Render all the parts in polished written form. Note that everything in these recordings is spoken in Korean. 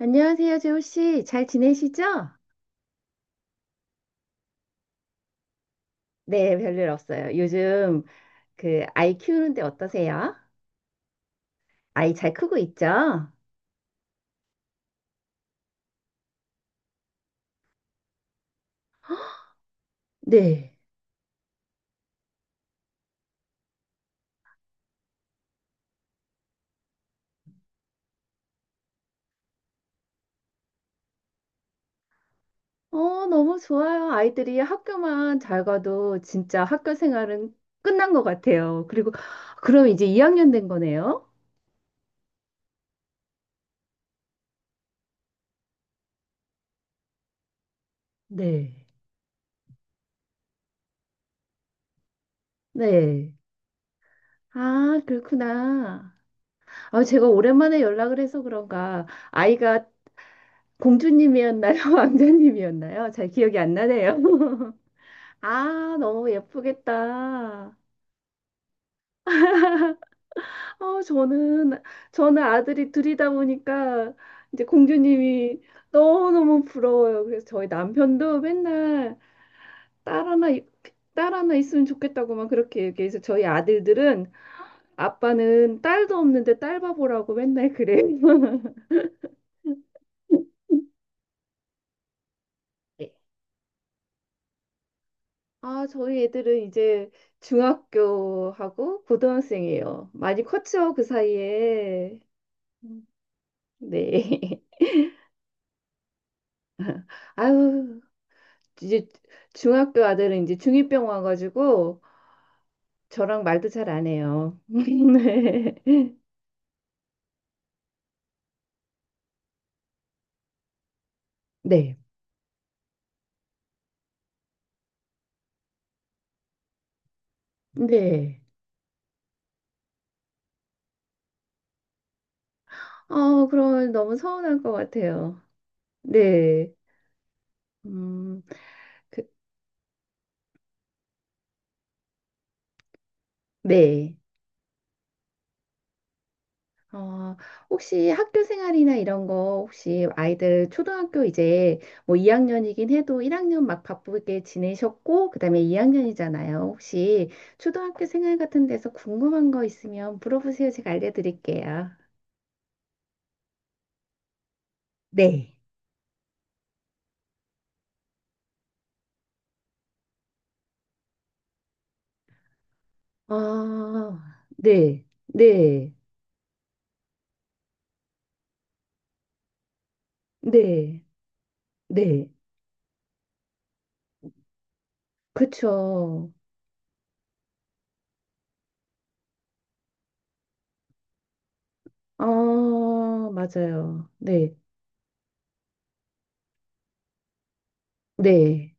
안녕하세요, 재호 씨. 잘 지내시죠? 네, 별일 없어요. 요즘 그 아이 키우는데 어떠세요? 아이 잘 크고 있죠? 네. 너무 좋아요. 아이들이 학교만 잘 가도 진짜 학교 생활은 끝난 것 같아요. 그리고 그럼 이제 2학년 된 거네요? 네. 네. 아, 그렇구나. 아, 제가 오랜만에 연락을 해서 그런가 아이가 공주님이었나요? 왕자님이었나요? 잘 기억이 안 나네요. 아, 너무 예쁘겠다. 어, 저는, 저는 아들이 둘이다 보니까 이제 공주님이 너무너무 부러워요. 그래서 저희 남편도 맨날 딸 하나, 있- 딸 하나 있으면 좋겠다고만 그렇게 얘기해서 저희 아들들은 아빠는 딸도 없는데 딸 바보라고 맨날 그래요. 네. 아, 저희 애들은 이제 중학교하고 고등학생이에요. 많이 컸죠, 그 사이에. 음, 네. 아유. 이제 중학교 아들은 이제 중2병 와가지고 저랑 말도 잘 안 해요. 네. 네. 네. 그럼 너무 서운할 것 같아요. 네. 음, 그, 네. 어, 혹시 학교 생활이나 이런 거 혹시 아이들 초등학교 이제 뭐 2학년이긴 해도 1학년 막 바쁘게 지내셨고 그다음에 2학년이잖아요. 혹시 초등학교 생활 같은 데서 궁금한 거 있으면 물어보세요. 제가 알려드릴게요. 네. 아, 네, 네, 네, 네. 그쵸. 아, 맞아요. 네, 네,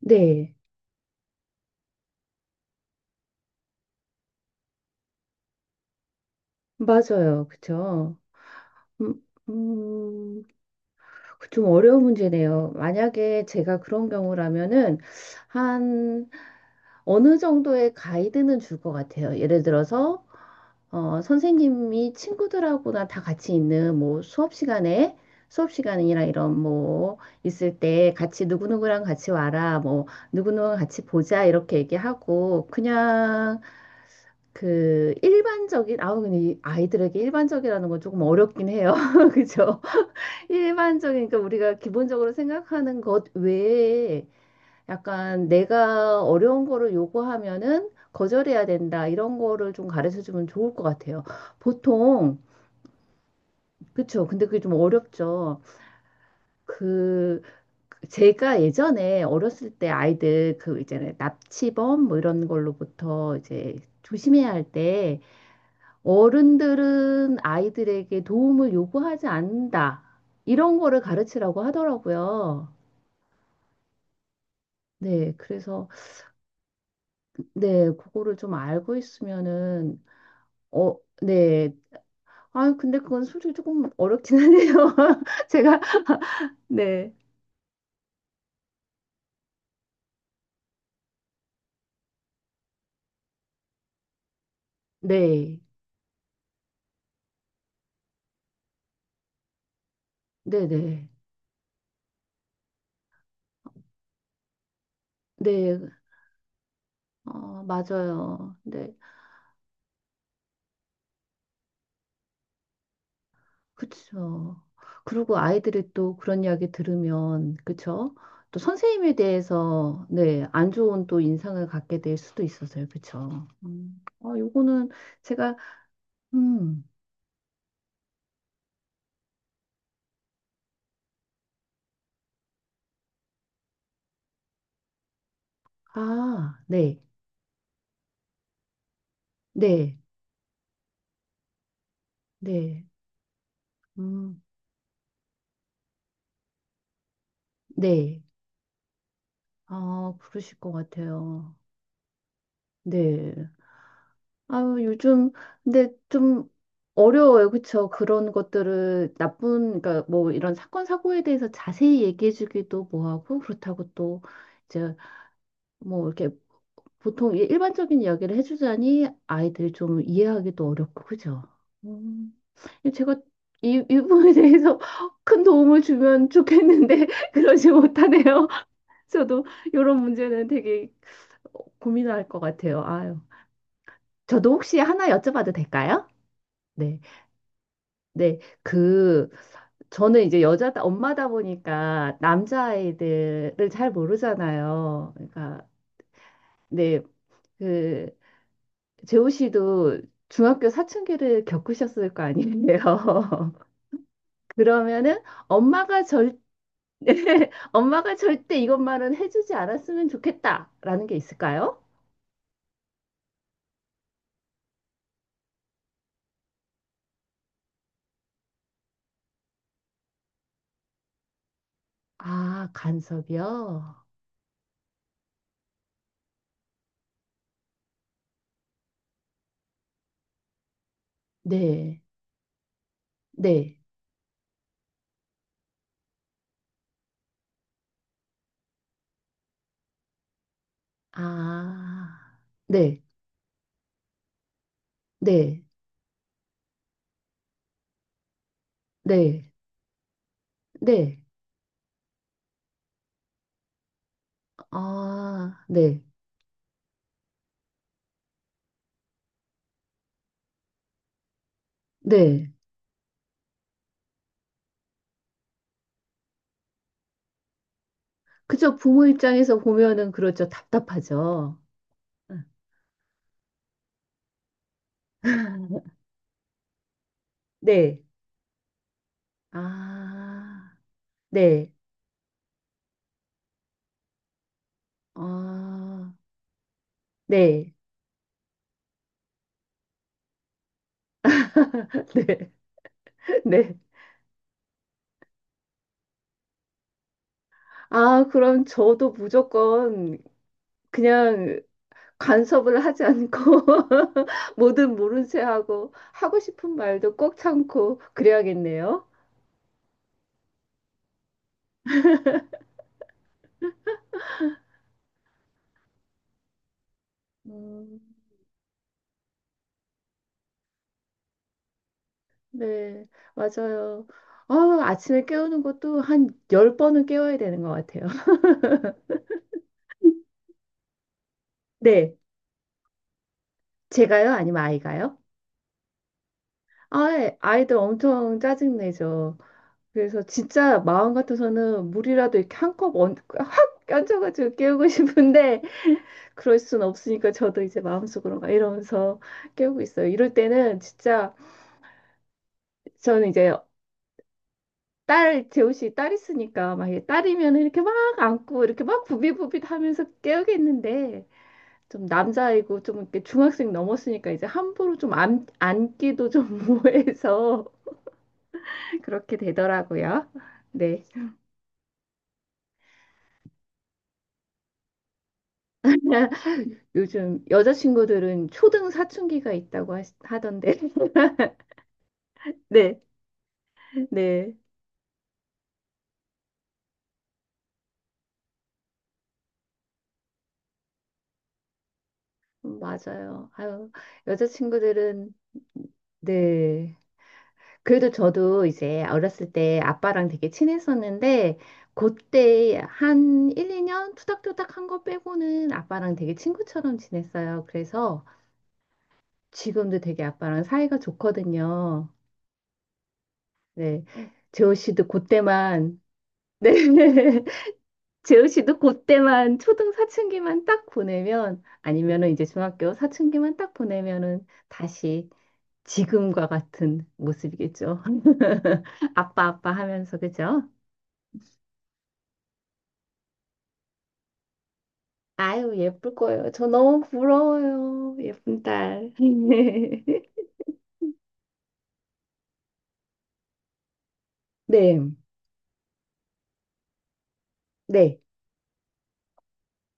네. 맞아요. 그쵸. 음, 음, 그 좀 어려운 문제네요. 만약에 제가 그런 경우라면은, 한, 어느 정도의 가이드는 줄 것 같아요. 예를 들어서, 선생님이 친구들하고나 다 같이 있는 뭐 수업 시간에 수업 시간이나 이런 뭐 있을 때 같이 누구누구랑 같이 와라 뭐 누구누구랑 같이 보자 이렇게 얘기하고 그냥 그 일반적인 아우 근데 이 아이들에게 일반적이라는 건 조금 어렵긴 해요. 그죠? 일반적인 그러니까 우리가 기본적으로 생각하는 것 외에 약간 내가 어려운 거를 요구하면은 거절해야 된다. 이런 거를 좀 가르쳐 주면 좋을 것 같아요. 보통, 그쵸. 근데 그게 좀 어렵죠. 그, 제가 예전에 어렸을 때 아이들 그 이제 납치범 뭐 이런 걸로부터 이제 조심해야 할 때 어른들은 아이들에게 도움을 요구하지 않는다. 이런 거를 가르치라고 하더라고요. 네. 그래서, 네. 그거를 좀 알고 있으면은 어, 네, 아, 근데 그건 솔직히 조금 어렵긴 하네요. 제가, 네. 네. 네네. 네. 어, 맞아요. 네. 그쵸. 그리고 아이들이 또 그런 이야기 들으면, 그쵸? 또 선생님에 대해서, 네. 안 좋은 또 인상을 갖게 될 수도 있어서요. 그쵸? 음. 아, 요거는 제가, 음, 아, 네. 네. 네. 음, 네. 아, 그러실 것 같아요. 네. 아유, 요즘, 근데 좀 어려워요. 그쵸? 그런 것들을 나쁜, 그러니까 뭐 이런 사건, 사고에 대해서 자세히 얘기해주기도 뭐하고, 그렇다고 또 이제 뭐 이렇게 보통 일반적인 이야기를 해주자니 아이들이 좀 이해하기도 어렵고, 그죠? 음, 제가 이 부분에 대해서 큰 도움을 주면 좋겠는데, 그러지 못하네요. 저도 이런 문제는 되게 고민할 것 같아요. 아유. 저도 혹시 하나 여쭤봐도 될까요? 네. 네, 그, 저는 이제 엄마다 보니까 남자아이들을 잘 모르잖아요. 그러니까, 네, 그, 재호 씨도 중학교 사춘기를 겪으셨을 거 아니에요. 그러면은 엄마가 절, 엄마가 절대 이것만은 해주지 않았으면 좋겠다라는 게 있을까요? 아, 간섭이요? 네, 네, 아, 네, 네, 네, 네, 아, 네. 네. 그죠. 부모 입장에서 보면은 그렇죠. 답답하죠. 네. 아, 네. 아, 네. 네. 네 아, 그럼 저도 무조건 그냥 간섭을 하지 않고 뭐든 모른 채 하고 하고 싶은 말도 꼭 참고 그래야겠네요. 음, 네, 맞아요. 아, 아침에 깨우는 것도 한 열번은 깨워야 되는 것 같아요. 네. 제가요? 아니면 아이가요? 아, 아이들 엄청 짜증내죠. 그래서 진짜 마음 같아서는 물이라도 이렇게 한 컵 확 얹어가지고 깨우고 싶은데 그럴 순 없으니까 저도 이제 마음속으로 막 이러면서 깨우고 있어요. 이럴 때는 진짜 저는 이제 재우씨 딸 있으니까 막 이게 딸이면 이렇게 막 안고 이렇게 막 부비부빗 하면서 깨우겠는데 좀 남자이고 좀 이렇게 중학생 넘었으니까 이제 함부로 좀 안, 안기도 좀 뭐해서 그렇게 되더라고요. 네. 요즘 여자친구들은 초등 사춘기가 있다고 하던데. 네. 네. 맞아요. 아유, 여자친구들은 네. 그래도 저도 이제 어렸을 때 아빠랑 되게 친했었는데, 그때 한 1, 2년 투닥투닥 한 거 빼고는 아빠랑 되게 친구처럼 지냈어요. 그래서 지금도 되게 아빠랑 사이가 좋거든요. 네. 재호 씨도 그때만, 네. 재우 씨도 그때만 초등 사춘기만 딱 보내면 아니면은 이제 중학교 사춘기만 딱 보내면은 다시 지금과 같은 모습이겠죠. 아빠 아빠 하면서 그죠? 아유 예쁠 거예요. 저 너무 부러워요. 예쁜 딸. 네, 네,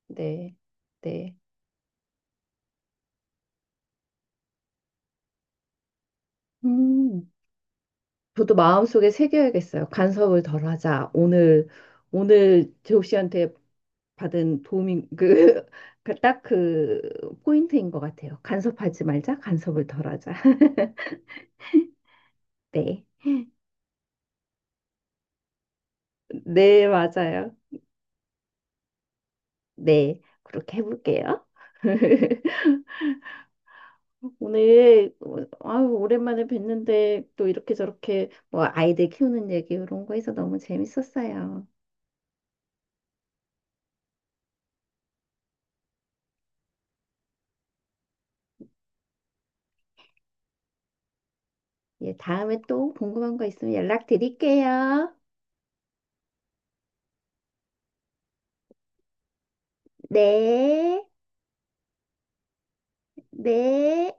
네, 네. 음, 저도 마음속에 새겨야겠어요. 간섭을 덜하자. 오늘 재욱 씨한테 받은 도움인 그, 그 딱 그 포인트인 것 같아요. 간섭하지 말자, 간섭을 덜하자. 네, 네, 맞아요. 네, 그렇게 해볼게요. 오늘 아유, 오랜만에 뵀는데 또 이렇게 저렇게 뭐 아이들 키우는 얘기 이런 거 해서 너무 재밌었어요. 예, 다음에 또 궁금한 거 있으면 연락드릴게요. 네, 네.